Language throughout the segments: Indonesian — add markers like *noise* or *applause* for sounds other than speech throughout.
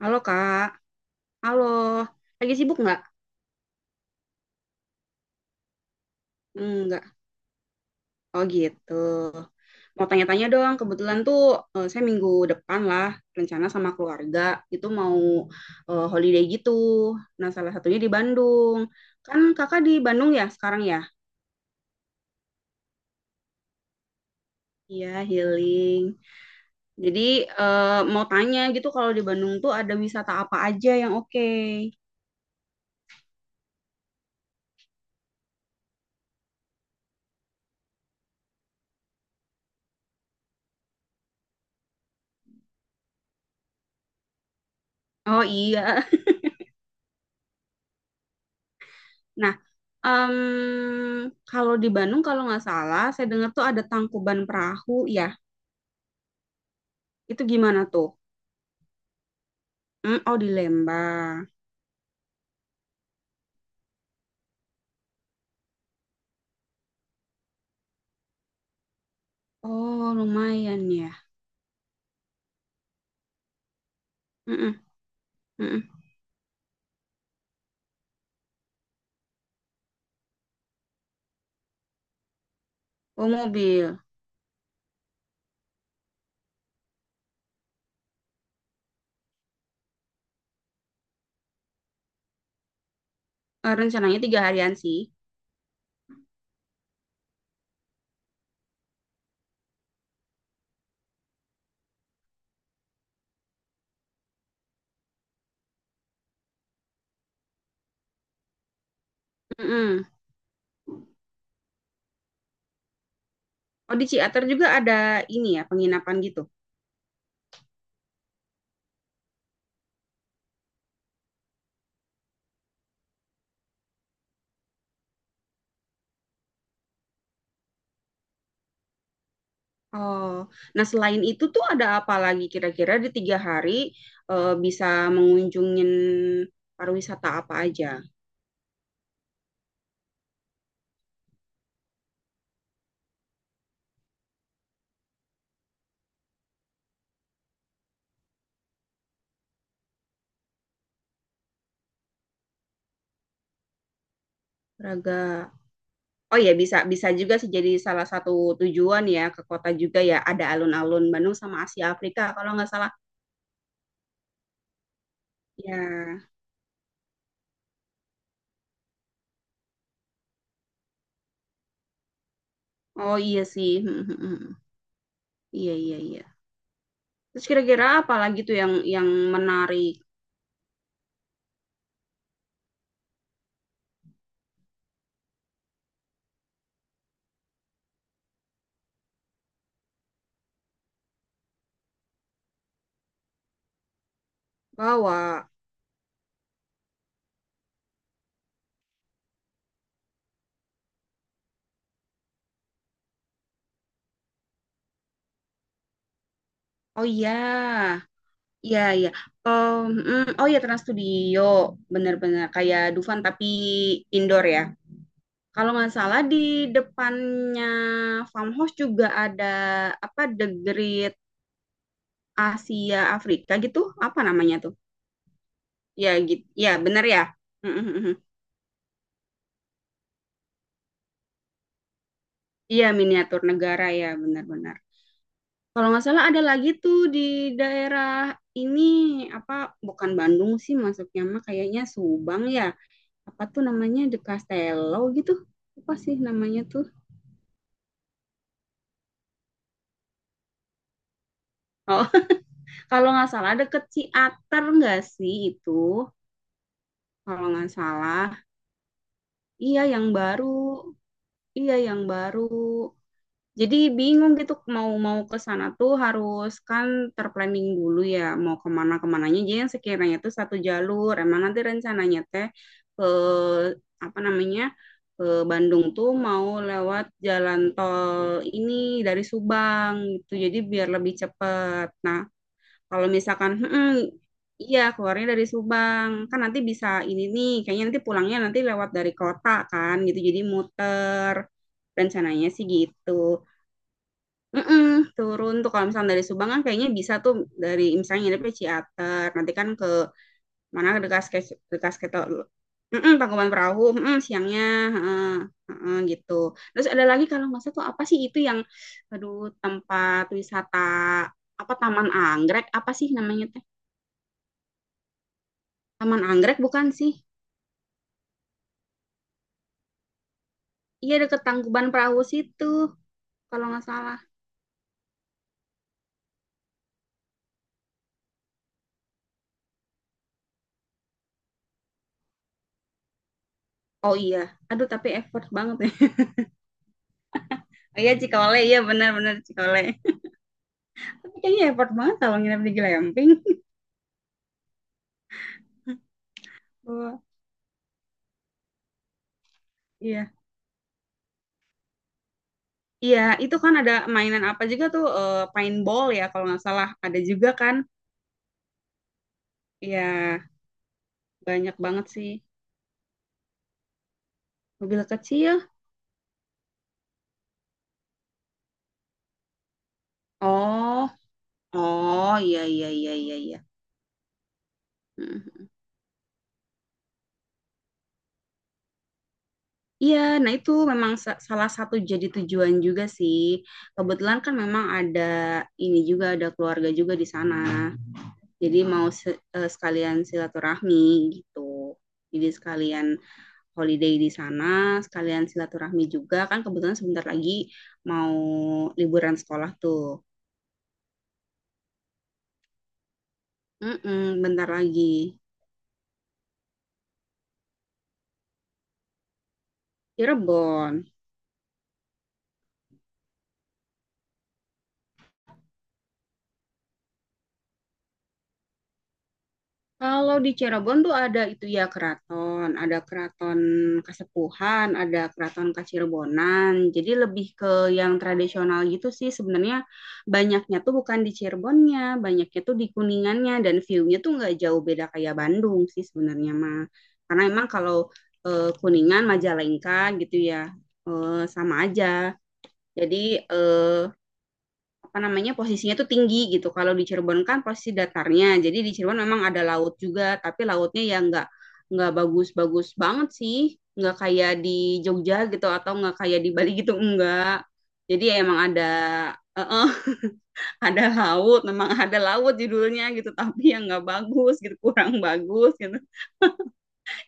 Halo Kak, halo. Lagi sibuk nggak? Hmm, nggak. Oh gitu. Mau tanya-tanya dong, kebetulan tuh saya minggu depan lah rencana sama keluarga itu mau holiday gitu. Nah salah satunya di Bandung. Kan kakak di Bandung ya sekarang ya? Iya healing. Jadi eh, mau tanya gitu kalau di Bandung tuh ada wisata apa aja yang oke? Oh iya. Nah, em, kalau di Bandung kalau nggak salah, saya dengar tuh ada Tangkuban Perahu ya. Itu gimana tuh? Hmm, oh di Lembang. Oh lumayan ya. Mm-mm, mm-mm. Oh mobil. Eh, rencananya tiga harian sih. Mm-mm. Oh di Ciater juga ada ini ya penginapan gitu. Oh, nah selain itu tuh ada apa lagi kira-kira di tiga hari bisa mengunjungin pariwisata apa aja? Raga. Oh iya, bisa bisa juga sih jadi salah satu tujuan ya, ke kota juga ya ada alun-alun Bandung sama Asia Afrika kalau nggak salah. Ya, oh iya sih. Hmm, hmm, hmm, hmm. Iya iya iya. Terus kira-kira apa lagi tuh yang menarik bahwa oh iya iya iya. Oh, hmm, oh ya Trans Studio bener-bener kayak Dufan tapi indoor ya. Kalau nggak salah di depannya Farmhouse juga ada apa The Great Asia Afrika gitu, apa namanya tuh, ya gitu ya bener ya. Mm, mm, mm. Iya miniatur negara ya, benar-benar kalau nggak salah ada lagi tuh di daerah ini apa, bukan Bandung sih masuknya mah kayaknya Subang ya, apa tuh namanya The Castello gitu, apa sih namanya tuh. Oh, *laughs* kalau nggak salah deket Ciater nggak sih itu, kalau nggak salah iya yang baru, iya yang baru. Jadi bingung gitu mau mau ke sana tuh harus kan terplanning dulu ya mau kemana kemananya. Jadi yang sekiranya tuh satu jalur. Emang nanti rencananya teh ke apa namanya, ke Bandung tuh mau lewat jalan tol ini dari Subang gitu. Jadi biar lebih cepat. Nah kalau misalkan "Mm-mm, iya, keluarnya dari Subang. Kan nanti bisa ini nih, kayaknya nanti pulangnya nanti lewat dari kota kan gitu. Jadi muter. Rencananya sih gitu. Mm-mm, turun tuh kalau misalnya dari Subang kan kayaknya bisa tuh dari misalnya nginepnya Ciater nanti kan ke mana, dekat dekat dekat ke mm Tangkuban Perahu, mm, siangnya. Heeh, heeh, gitu. Terus ada lagi kalau nggak salah tuh apa sih itu yang aduh tempat wisata apa, Taman Anggrek apa sih namanya teh. Taman Anggrek bukan sih, iya deket Tangkuban Perahu situ kalau nggak salah. Oh iya, aduh tapi effort banget ya. *laughs* Oh, iya Cikole, iya benar-benar Cikole. Tapi kayaknya effort banget kalau nginep di glamping. Oh, iya. Iya, itu kan ada mainan apa juga tuh, paintball ya kalau nggak salah. Ada juga kan. Iya, banyak banget sih. Mobil kecil. Oh, oh iya, iya, iya, iya, iya. Mhm. Iya, nah itu memang salah satu jadi tujuan juga sih. Kebetulan kan memang ada ini juga, ada keluarga juga di sana. Jadi mau sekalian silaturahmi gitu. Jadi sekalian holiday di sana, sekalian silaturahmi juga. Kan kebetulan sebentar lagi mau liburan sekolah tuh. Mm-mm, bentar lagi. Cirebon. Kalau di Cirebon tuh ada itu ya keraton, ada keraton Kasepuhan, ada keraton Kacirebonan. Jadi lebih ke yang tradisional gitu sih, sebenarnya banyaknya tuh bukan di Cirebonnya, banyaknya tuh di Kuningannya dan view-nya tuh nggak jauh beda kayak Bandung sih sebenarnya mah. Karena emang kalau Kuningan, Majalengka gitu ya sama aja. Jadi eh, apa namanya posisinya tuh tinggi gitu. Kalau di Cirebon kan posisi datarnya. Jadi di Cirebon memang ada laut juga, tapi lautnya ya nggak bagus-bagus banget sih. Nggak kayak di Jogja gitu atau nggak kayak di Bali gitu, enggak. Jadi ya emang ada eh, eh, *laughs* ada laut, memang ada laut judulnya gitu, tapi yang nggak bagus gitu, kurang bagus gitu. *laughs*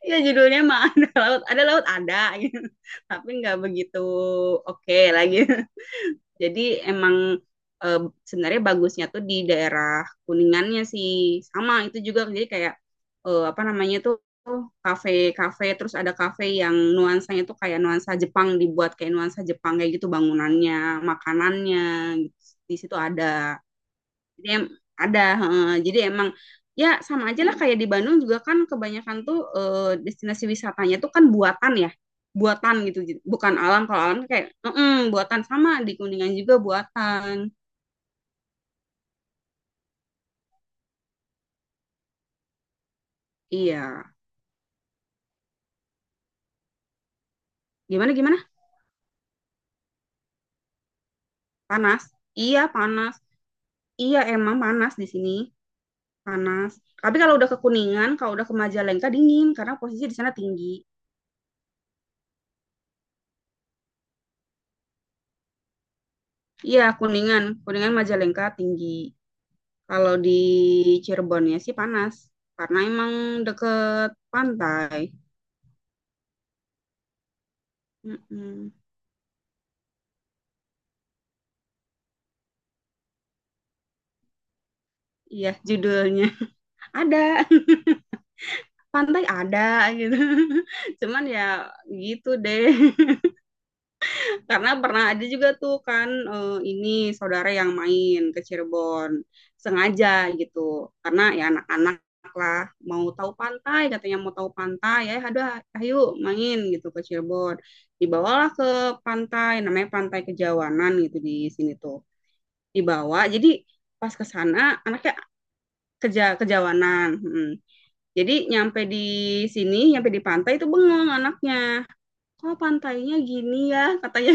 Ya judulnya mah *laughs* ada laut, ada laut ada gitu, *laughs* tapi nggak begitu oke lagi. Jadi emang eh, sebenarnya bagusnya tuh di daerah Kuningannya sih. Sama itu juga jadi kayak apa namanya tuh kafe-kafe, terus ada kafe yang nuansanya tuh kayak nuansa Jepang, dibuat kayak nuansa Jepang kayak gitu bangunannya, makanannya gitu. Di situ ada. Jadi ada, heeh. Jadi emang ya sama aja lah kayak di Bandung juga kan kebanyakan tuh destinasi wisatanya tuh kan buatan ya, buatan gitu, bukan alam. Kalau alam kayak "Mm-mm, buatan, sama di Kuningan juga buatan. Iya, gimana gimana? Panas? Iya panas. Iya emang panas di sini, panas. Tapi kalau udah ke Kuningan, kalau udah ke Majalengka dingin karena posisi di sana tinggi. Iya Kuningan, Kuningan Majalengka tinggi. Kalau di Cirebonnya sih panas karena emang deket pantai. Mhm. Iya, judulnya ada. *laughs* Pantai ada gitu. *laughs* Cuman ya gitu deh. *laughs* Karena pernah ada juga tuh kan, ini saudara yang main ke Cirebon, sengaja gitu. Karena ya anak-anak lah mau tahu pantai, katanya mau tahu pantai, "Ya ada, ayo main," gitu ke Cirebon. Dibawalah ke pantai, namanya Pantai Kejawanan gitu di sini tuh. Dibawa, jadi pas ke sana anaknya Kejawanan, mhm. Jadi nyampe di sini, nyampe di pantai itu bengong anaknya. Kok pantainya gini ya? Katanya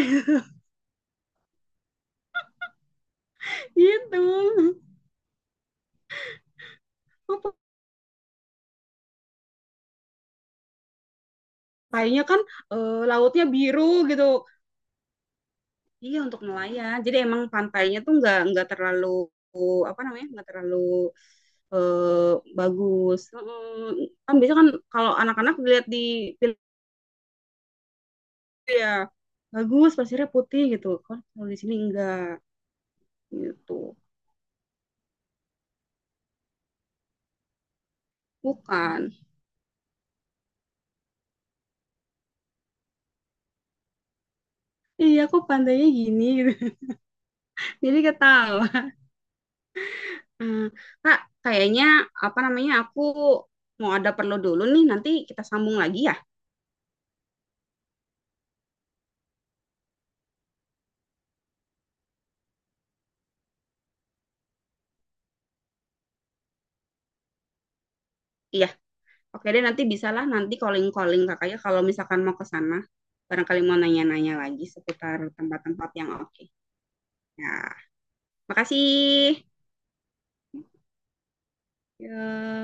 *laughs* gitu. Kok pantainya kan lautnya biru gitu. Iya untuk nelayan. Jadi emang pantainya tuh nggak terlalu apa namanya, nggak terlalu bagus. Mm, kan biasa kan kalau anak-anak dilihat di film ya bagus, pasirnya putih gitu. Kalau di sini enggak gitu. Bukan. Iya, aku pantainya gini gitu. *laughs* Jadi ketawa. Hmm, Kak, kayaknya apa namanya aku mau ada perlu dulu nih. Nanti kita sambung lagi ya. Iya, oke deh nanti bisalah nanti calling-calling kakaknya kalau misalkan mau ke sana. Barangkali mau nanya-nanya lagi seputar tempat-tempat yang oke. Ya, makasih. Yuk.